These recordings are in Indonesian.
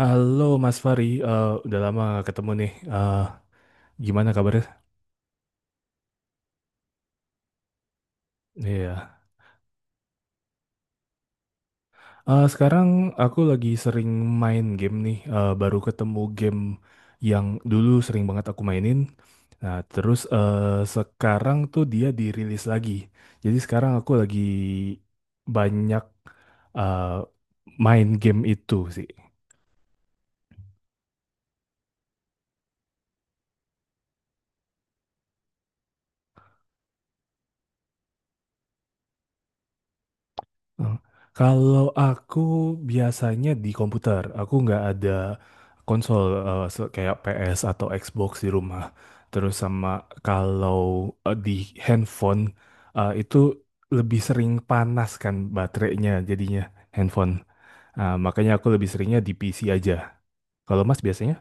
Halo Mas Fari, udah lama gak ketemu nih. Gimana kabarnya? Iya. Sekarang aku lagi sering main game nih. Baru ketemu game yang dulu sering banget aku mainin. Nah, terus sekarang tuh dia dirilis lagi. Jadi sekarang aku lagi banyak eh, main game itu sih. Oh, Kalau aku biasanya di komputer, aku nggak ada konsol kayak PS atau Xbox di rumah. Terus sama kalau di handphone itu lebih sering panas kan baterainya jadinya handphone. Makanya aku lebih seringnya di PC aja. Kalau Mas biasanya?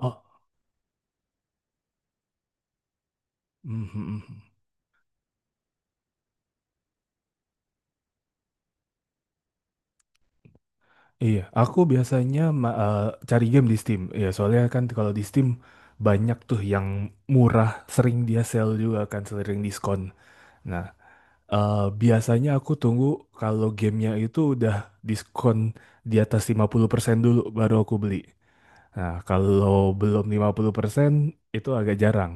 Oh, mhm. Iya, aku biasanya cari game di Steam. Ya, soalnya kan kalau di Steam banyak tuh yang murah, sering dia sale juga kan, sering diskon. Nah, biasanya aku tunggu kalau gamenya itu udah diskon di atas 50% dulu baru aku beli. Nah, kalau belum 50% itu agak jarang.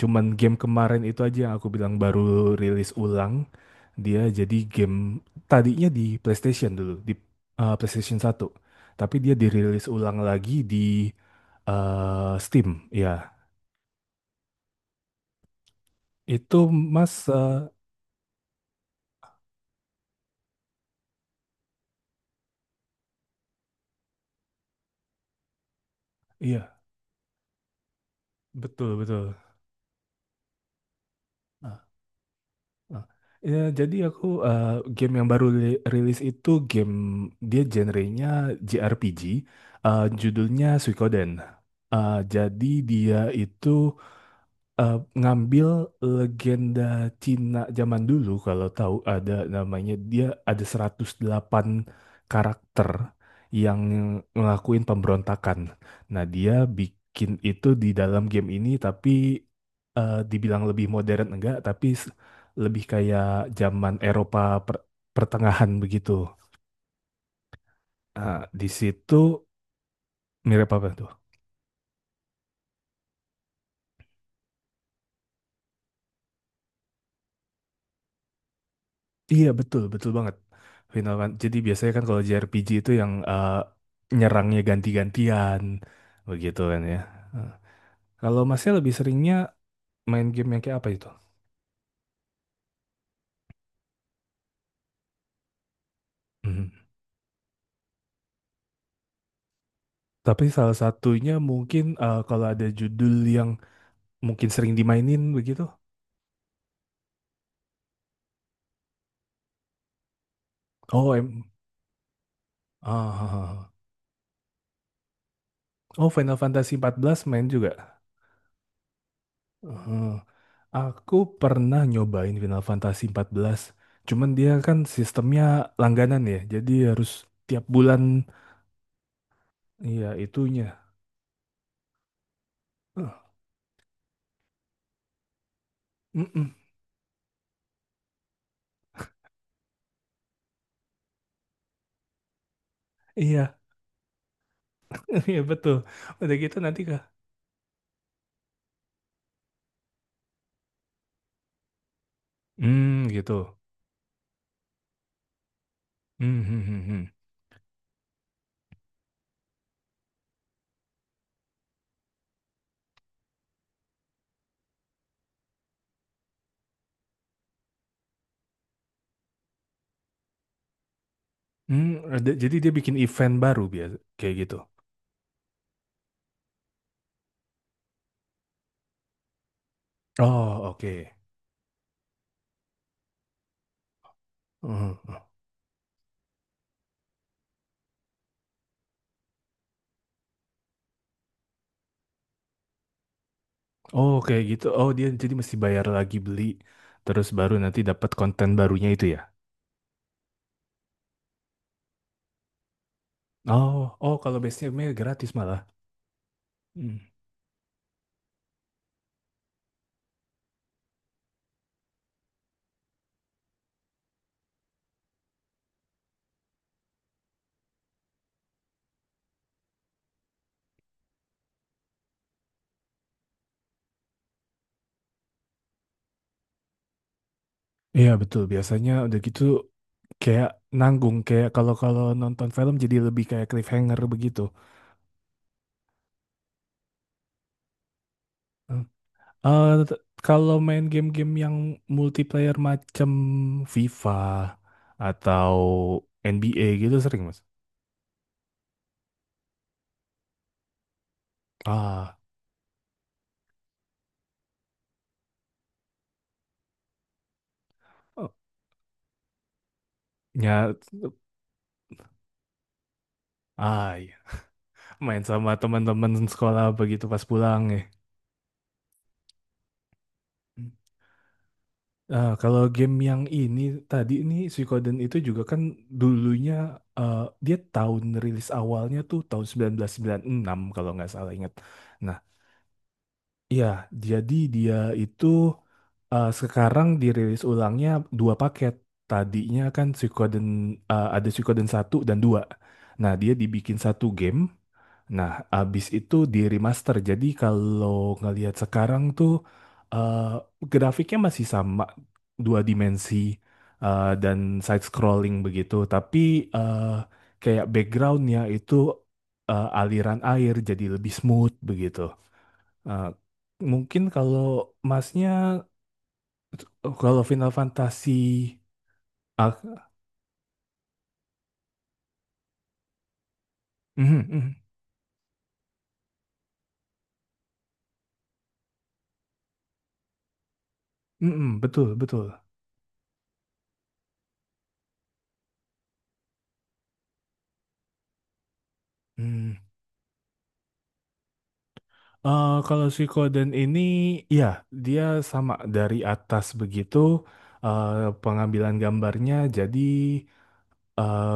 Cuman game kemarin itu aja yang aku bilang baru rilis ulang. Dia jadi game tadinya di PlayStation dulu, di PlayStation satu. Tapi dia dirilis ulang lagi di Steam, ya. Itu Mas iya, betul betul. Ah, ah. Ya, jadi aku game yang baru rilis itu game dia genrenya JRPG, judulnya Suikoden. Jadi dia itu ngambil legenda Cina zaman dulu, kalau tahu ada namanya, dia ada 108 karakter yang ngelakuin pemberontakan. Nah, dia bikin itu di dalam game ini, tapi dibilang lebih modern enggak, tapi lebih kayak zaman Eropa per- pertengahan begitu. Nah, di situ mirip apa tuh? Iya betul betul banget. Jadi biasanya kan kalau JRPG itu yang nyerangnya ganti-gantian begitu kan ya. Eh, Kalau masnya lebih seringnya main game yang kayak apa itu? Mhm. Tapi salah satunya mungkin kalau ada judul yang mungkin sering dimainin begitu. Oh, em, ah, ah, ah. Oh, Final Fantasy 14 main juga. Eh, aku pernah nyobain Final Fantasy 14. Cuman dia kan sistemnya langganan ya. Jadi harus tiap bulan. Iya, itunya. Eh, mm-mm. Iya, iya betul. Udah gitu nanti kah? Hmm, gitu. Hmm, hmm, hmm, hmm. Hmm, ada- jadi dia bikin event baru biasa kayak gitu. Oh, oke. Hmm, hmm, hmm. Oh, kayak gitu. Oh, dia jadi mesti bayar lagi beli terus baru nanti dapat konten barunya itu ya. Oh, oh kalau base nya gratis malah. Hmm. Iya, betul. Biasanya udah gitu kayak nanggung, kayak kalau kalau nonton film jadi lebih kayak cliffhanger begitu. Hmm. Eh, t- kalau main game-game yang multiplayer macam FIFA atau NBA gitu sering, Mas. Ah, eh, ya, ah, iya. Main sama teman-teman sekolah begitu pas pulang ya. Kalau game yang ini tadi ini Suikoden itu juga kan dulunya eh, dia tahun rilis awalnya tuh tahun 1996 kalau nggak salah ingat. Nah, iya, jadi dia itu sekarang dirilis ulangnya dua paket. Tadinya kan Suikoden ada Suikoden satu dan dua. Nah, dia dibikin satu game. Nah, abis itu di remaster. Jadi kalau ngelihat sekarang tuh eh, grafiknya masih sama, dua dimensi dan side scrolling begitu, tapi eh, kayak backgroundnya itu aliran air jadi lebih smooth begitu. Eh, mungkin kalau masnya kalau Final Fantasy ah, mhm, mhm, mhm, betul betul. Hmm. Kalau Suikoden ini ya dia sama dari atas begitu eh, pengambilan gambarnya, jadi eh,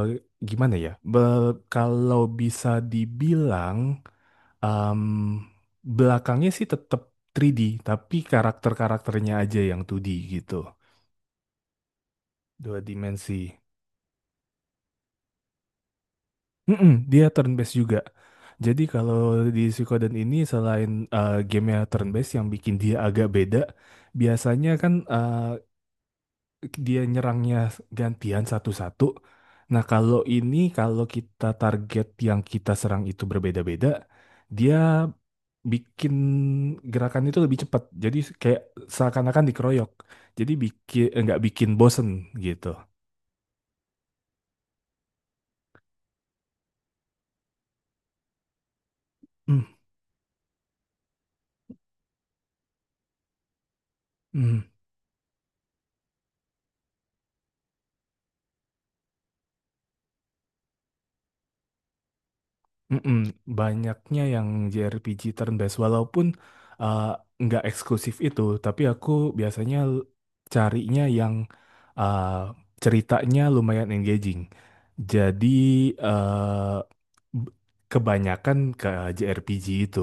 gimana ya? Kalau bisa dibilang em, belakangnya sih tetap tiga d, tapi karakter-karakternya aja yang 2D gitu. Dua dimensi. Mm-mm, dia turn based juga. Jadi kalau di Suikoden ini selain gamenya turn based yang bikin dia agak beda, biasanya kan dia nyerangnya gantian satu-satu. Nah kalau ini kalau kita target yang kita serang itu berbeda-beda, dia bikin gerakan itu lebih cepat. Jadi kayak seakan-akan dikeroyok. Jadi bikin nggak bikin bosen gitu. Hmm. Mm-mm, banyaknya yang JRPG turn-based, walaupun uh, nggak eksklusif itu, tapi aku biasanya carinya yang uh, ceritanya lumayan engaging. Jadi uh, b- kebanyakan ke JRPG itu.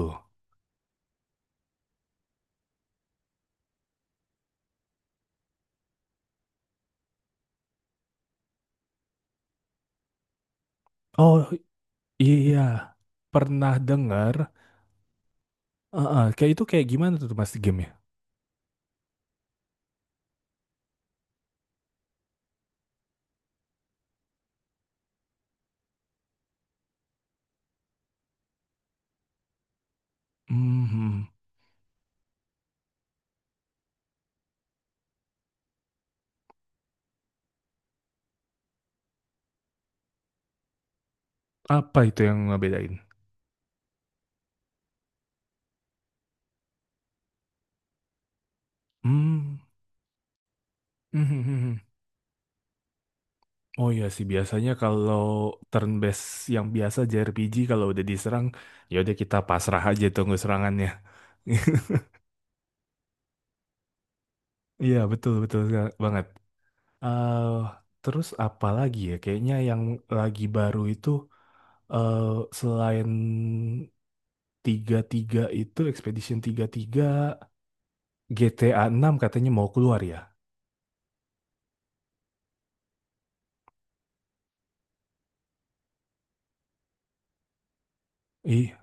Oh iya, pernah dengar. Uh-uh, kayak itu kayak gimana tuh mas game-nya? Mhm. Apa itu yang ngebedain? Hmm. Oh iya sih biasanya kalau turn based yang biasa JRPG kalau udah diserang ya udah kita pasrah aja tunggu serangannya. Iya betul betul banget. Eh, terus apa lagi ya? Kayaknya yang lagi baru itu eh selain tiga tiga itu Expedition 33, GTA 6 katanya mau keluar ya. Ih,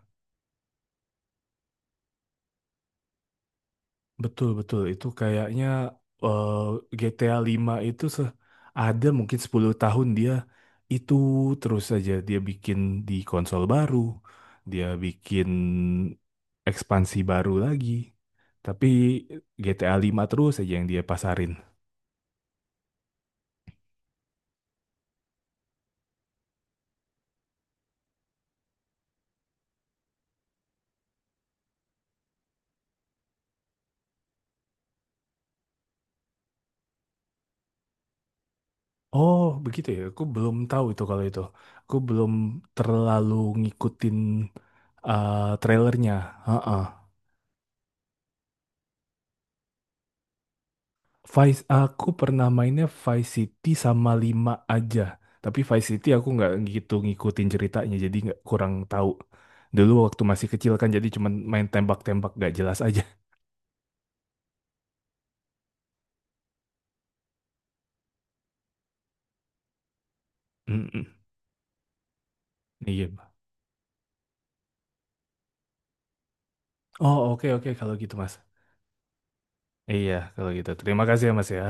betul, betul. Itu kayaknya eh, GTA 5 itu ada mungkin 10 tahun dia itu terus saja dia bikin di konsol baru, dia bikin ekspansi baru lagi. Tapi GTA 5 terus saja yang dia pasarin. Oh, begitu ya. Aku belum tahu itu kalau itu. Aku belum terlalu ngikutin eh, trailernya. Heeh. Vice aku pernah mainnya Vice City sama 5 aja. Tapi Vice City aku nggak gitu ngikutin ceritanya, jadi nggak kurang tahu. Dulu waktu masih kecil kan jadi cuman main tembak-tembak nggak jelas aja. Mm-mm. Iya. Pak. Oh oke oke kalau gitu Mas. Iya kalau gitu. Terima kasih ya Mas ya.